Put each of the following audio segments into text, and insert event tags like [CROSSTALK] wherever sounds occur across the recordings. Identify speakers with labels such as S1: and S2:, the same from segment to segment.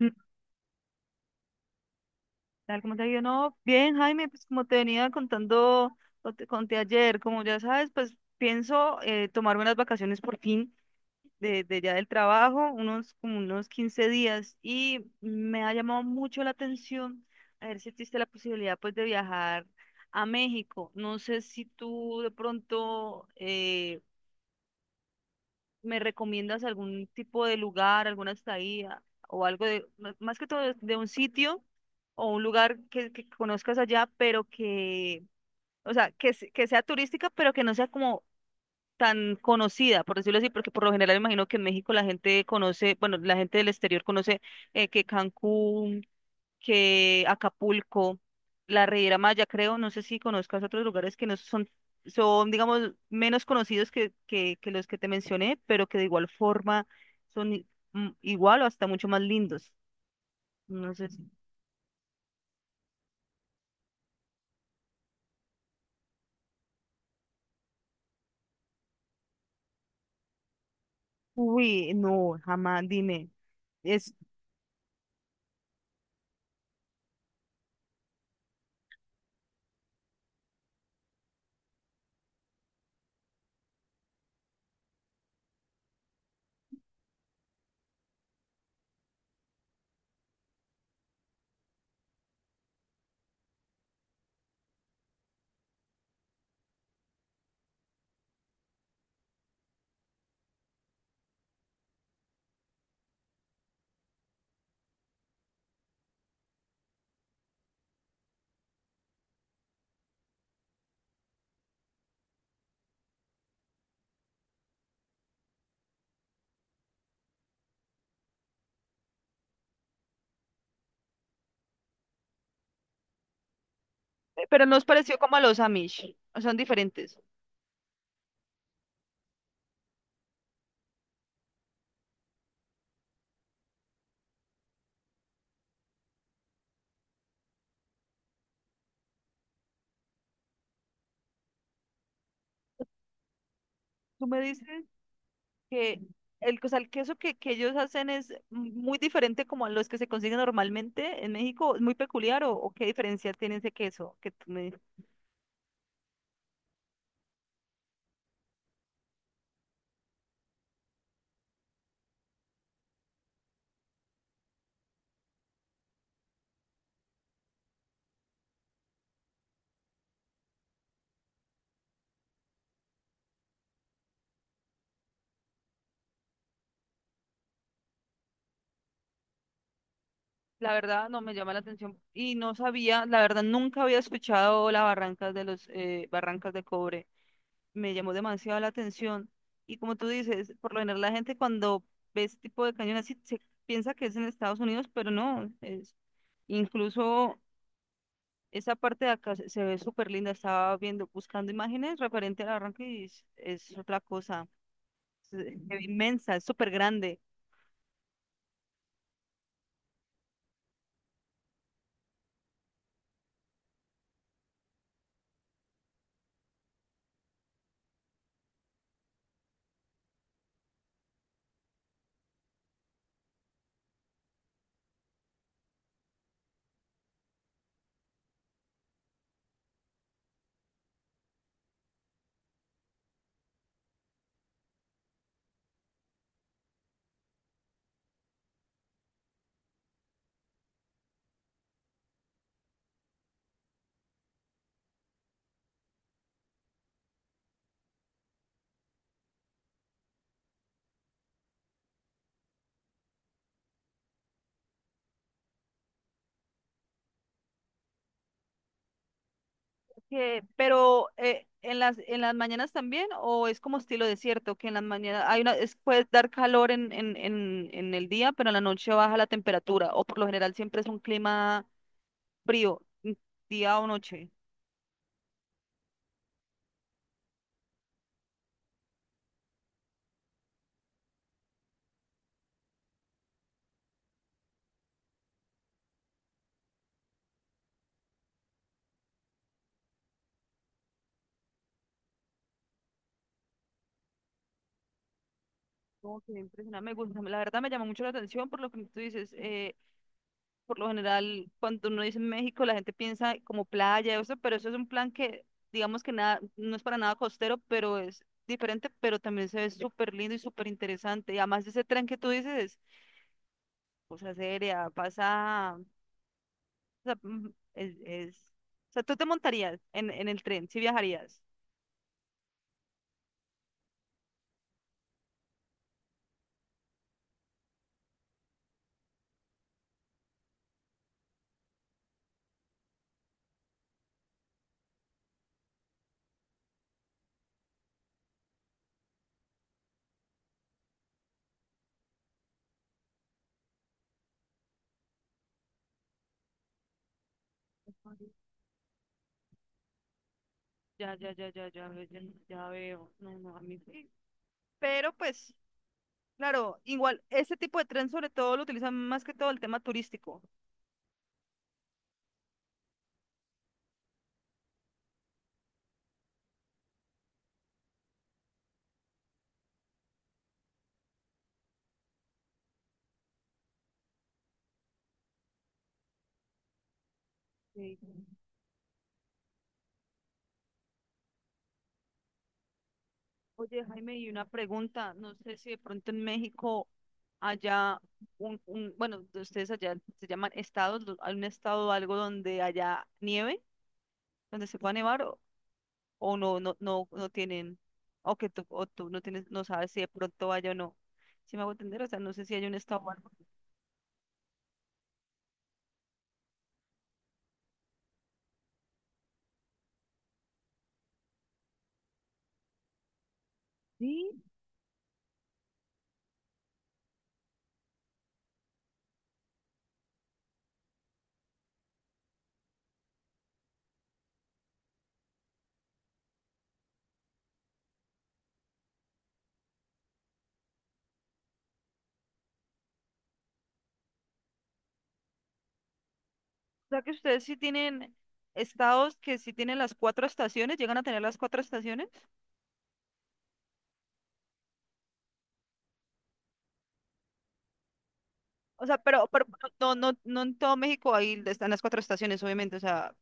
S1: Mm. Tal como te digo, no, bien, Jaime, pues como te venía contando, o te conté ayer, como ya sabes, pues pienso tomarme unas vacaciones por fin de ya del trabajo, unos como unos 15 días, y me ha llamado mucho la atención a ver si existe la posibilidad pues de viajar a México. No sé si tú de pronto ¿me recomiendas algún tipo de lugar, alguna estadía o algo de, más que todo de un sitio o un lugar que conozcas allá, pero que, o sea, que, que sea turística, pero que no sea como tan conocida, por decirlo así? Porque por lo general imagino que en México la gente conoce, bueno, la gente del exterior conoce, que Cancún, que Acapulco, la Riviera Maya, creo. No sé si conozcas otros lugares que no son, digamos, menos conocidos que los que te mencioné, pero que de igual forma son igual o hasta mucho más lindos. No sé si-. Uy, no, jamás, dime. Es, pero nos pareció como a los Amish, son diferentes. ¿Tú me dices que el, o sea, el queso que ellos hacen es muy diferente como a los que se consiguen normalmente en México? ¿Es muy peculiar o qué diferencia tiene ese queso que tú me...? La verdad no me llama la atención y no sabía, la verdad nunca había escuchado las barrancas de los, barrancas de cobre, me llamó demasiado la atención. Y como tú dices, por lo general la gente cuando ve este tipo de cañón así se piensa que es en Estados Unidos, pero no, es incluso, esa parte de acá se ve súper linda. Estaba viendo, buscando imágenes referente al arranque y es otra cosa. Es, inmensa, es súper grande. Pero en las mañanas también, o es como estilo desierto, que en las mañanas hay una, es, puede dar calor en, en el día, pero en la noche baja la temperatura, o por lo general siempre es un clima frío, día o noche. Como que impresionante, me gusta, la verdad me llama mucho la atención por lo que tú dices. Por lo general, cuando uno dice México, la gente piensa como playa, eso, pero eso es un plan que, digamos que nada, no es para nada costero, pero es diferente, pero también se ve súper lindo y súper interesante. Y además de ese tren que tú dices, cosa seria, pasa, o sea, mm, es, es-. O sea, ¿tú te montarías en el tren, si viajarías? Ya, ya, ya, ya, ya, ya, ya veo. No, no, a mí sí. Pero pues, claro, igual, este tipo de tren sobre todo lo utilizan más que todo el tema turístico. Sí. Oye, Jaime, y una pregunta, no sé si de pronto en México haya un, bueno, de ustedes allá se llaman estados, hay un estado o algo donde haya nieve, donde se pueda nevar o no, no, no, no tienen, o que tú, o tú no tienes, no sabes si de pronto haya o no. ¿Si me hago entender? O sea, no sé si hay un estado o algo. Sí, o sea que ustedes sí tienen estados que sí tienen las cuatro estaciones, llegan a tener las cuatro estaciones. O sea, pero, no, no, no en todo México ahí están las cuatro estaciones, obviamente. O sea,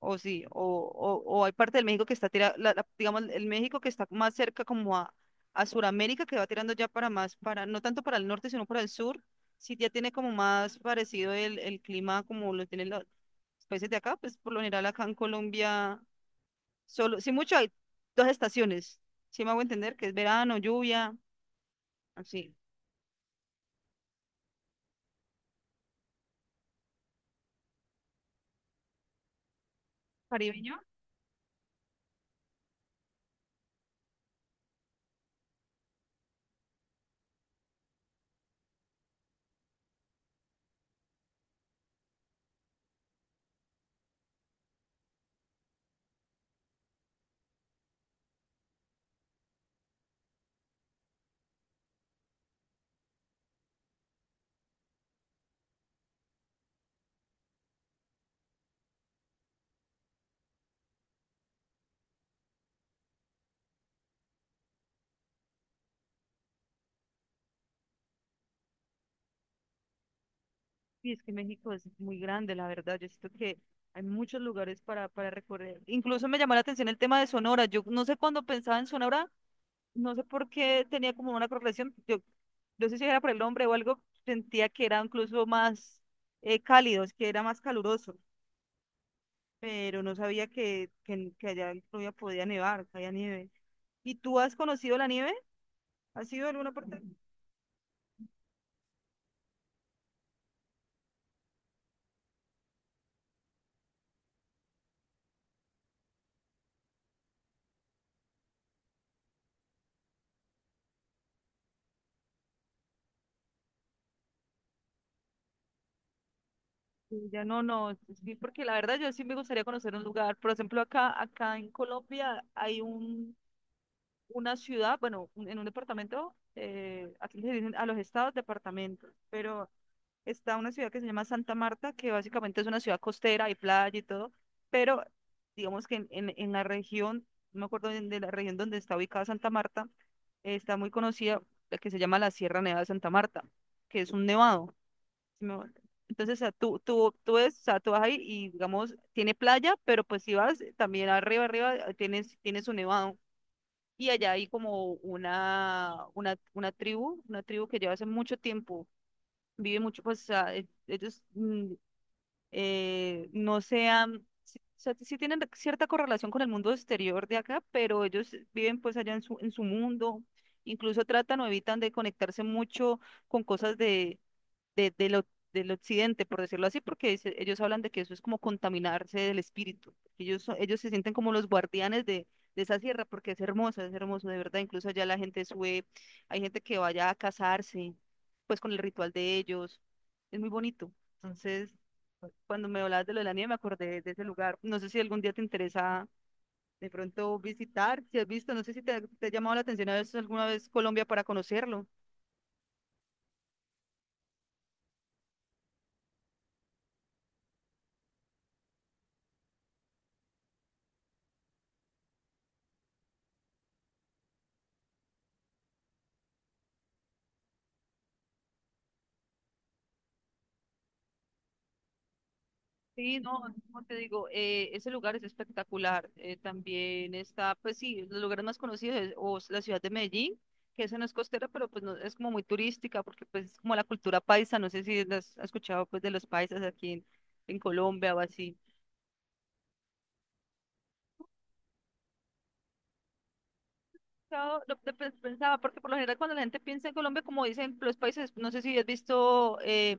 S1: o sí, o, hay parte del México que está tirando, digamos, el México que está más cerca como a, Sudamérica, que va tirando ya para más, para, no tanto para el norte, sino para el sur, sí ya tiene como más parecido el clima como lo tienen los países de acá, pues por lo general acá en Colombia, solo, sí mucho hay dos estaciones, sí me hago entender, que es verano, lluvia, así. Caribeño. Y es que México es muy grande, la verdad. Yo siento que hay muchos lugares para recorrer. Incluso me llamó la atención el tema de Sonora. Yo no sé, cuando pensaba en Sonora, no sé por qué tenía como una correlación. Yo no sé si era por el nombre o algo, sentía que era incluso más cálido, es que era más caluroso, pero no sabía que allá en Colombia podía nevar, que había nieve. ¿Y tú has conocido la nieve? ¿Has ido a alguna parte? Sí. Ya no, no, sí, porque la verdad yo sí me gustaría conocer un lugar. Por ejemplo, acá, en Colombia hay un, una ciudad, bueno, en un departamento. Aquí se dicen a los estados departamentos, pero está una ciudad que se llama Santa Marta, que básicamente es una ciudad costera, hay playa y todo, pero digamos que en, la región, no me acuerdo de la región donde está ubicada Santa Marta. Está muy conocida la que se llama la Sierra Nevada de Santa Marta, que es un nevado, sí me vuelvo. Entonces, o sea, tú, es, o sea, tú vas ahí y, digamos, tiene playa, pero pues si vas, también arriba, arriba, tienes, un nevado. Y allá hay como una tribu, que lleva hace mucho tiempo, vive mucho, pues, o sea, ellos no sean, sí, o sea, sí tienen cierta correlación con el mundo exterior de acá, pero ellos viven pues allá en su mundo. Incluso tratan o evitan de conectarse mucho con cosas de de del occidente, por decirlo así, porque dice-, ellos hablan de que eso es como contaminarse del espíritu. Ellos, ellos se sienten como los guardianes de esa sierra porque es hermosa, es hermoso, de verdad. Incluso allá la gente sube, hay gente que vaya a casarse, pues con el ritual de ellos. Es muy bonito. Entonces, cuando me hablabas de lo de la nieve, me acordé de ese lugar. No sé si algún día te interesa de pronto visitar, si has visto, no sé si te ha llamado la atención a veces alguna vez Colombia para conocerlo. Sí, no, como te digo, ese lugar es espectacular. También está, pues sí, los lugares más conocidos es, o es la ciudad de Medellín, que esa no es costera, pero pues no, es como muy turística, porque pues es como la cultura paisa. No sé si las has escuchado pues de los paisas aquí en Colombia o así. Claro, lo que pensaba, porque por lo general cuando la gente piensa en Colombia, como dicen los países, no sé si has visto, eh,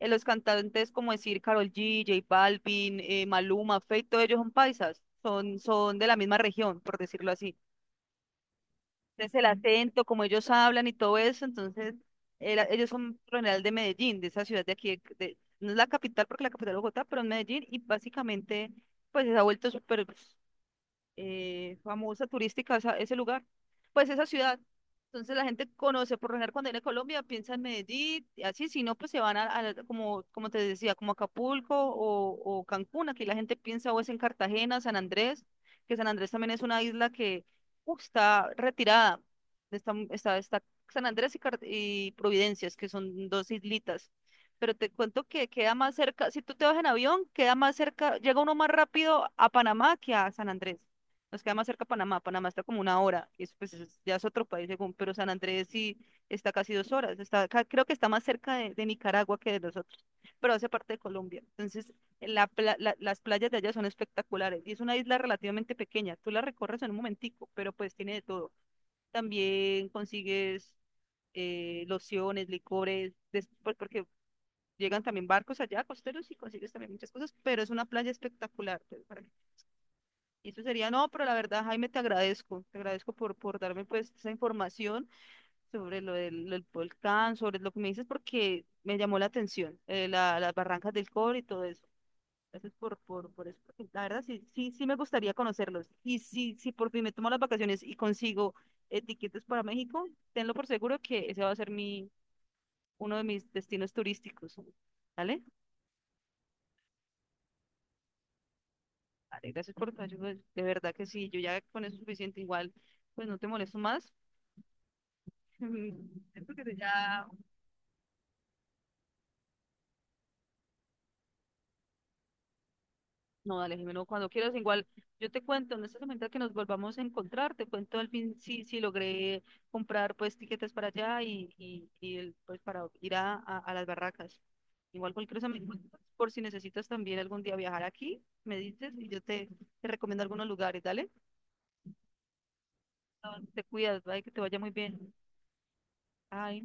S1: eh, los cantantes como decir Karol G, J Balvin, Maluma, Feid, todos ellos son paisas, son, son de la misma región, por decirlo así. Entonces el acento, como ellos hablan y todo eso, entonces ellos son por lo general de Medellín, de esa ciudad de aquí, no es la capital porque la capital es Bogotá, pero es Medellín, y básicamente pues se ha vuelto súper pues, famosa turística ese lugar, pues esa ciudad. Entonces la gente conoce, por lo general cuando viene a Colombia piensa en Medellín, y así, si no, pues se van a como, como te decía, como Acapulco o, Cancún. Aquí la gente piensa o es en Cartagena, San Andrés, que San Andrés también es una isla que, uf, está retirada, está, está, San Andrés y, y Providencias, que son dos islitas. Pero te cuento que queda más cerca, si tú te vas en avión, queda más cerca, llega uno más rápido a Panamá que a San Andrés. Nos queda más cerca Panamá. Panamá está como una hora. Y eso pues es-, ya es otro país según. Pero San Andrés sí está casi 2 horas. Está, creo que está más cerca de Nicaragua que de nosotros. Pero hace parte de Colombia. Entonces, las playas de allá son espectaculares. Y es una isla relativamente pequeña. Tú la recorres en un momentico, pero pues tiene de todo. También consigues, lociones, licores, después porque llegan también barcos allá, costeros, y consigues también muchas cosas, pero es una playa espectacular. Pues, para, y eso sería. No, pero la verdad, Jaime, te agradezco por darme pues esa información sobre lo del volcán, sobre lo que me dices, porque me llamó la atención, las barrancas del cobre y todo eso. Gracias por eso, porque la verdad, sí, sí, sí me gustaría conocerlos. Y si, si por fin me tomo las vacaciones y consigo, tiquetes para México, tenlo por seguro que ese va a ser mi, uno de mis destinos turísticos. ¿Vale? Vale, gracias por tu ayuda. De verdad que sí, yo ya con eso es suficiente. Igual, pues no te molesto más. [LAUGHS] Siento que ya... No, dale, Jimeno, cuando quieras, igual yo te cuento, en esta semana que nos volvamos a encontrar, te cuento al fin si, si logré comprar pues tiquetes para allá, y pues para ir a las barracas. Igual cualquier cosa me cuentas, por si necesitas también algún día viajar aquí, me dices y yo te recomiendo algunos lugares, dale. Ah, te cuidas, bye, que te vaya muy bien. Ay.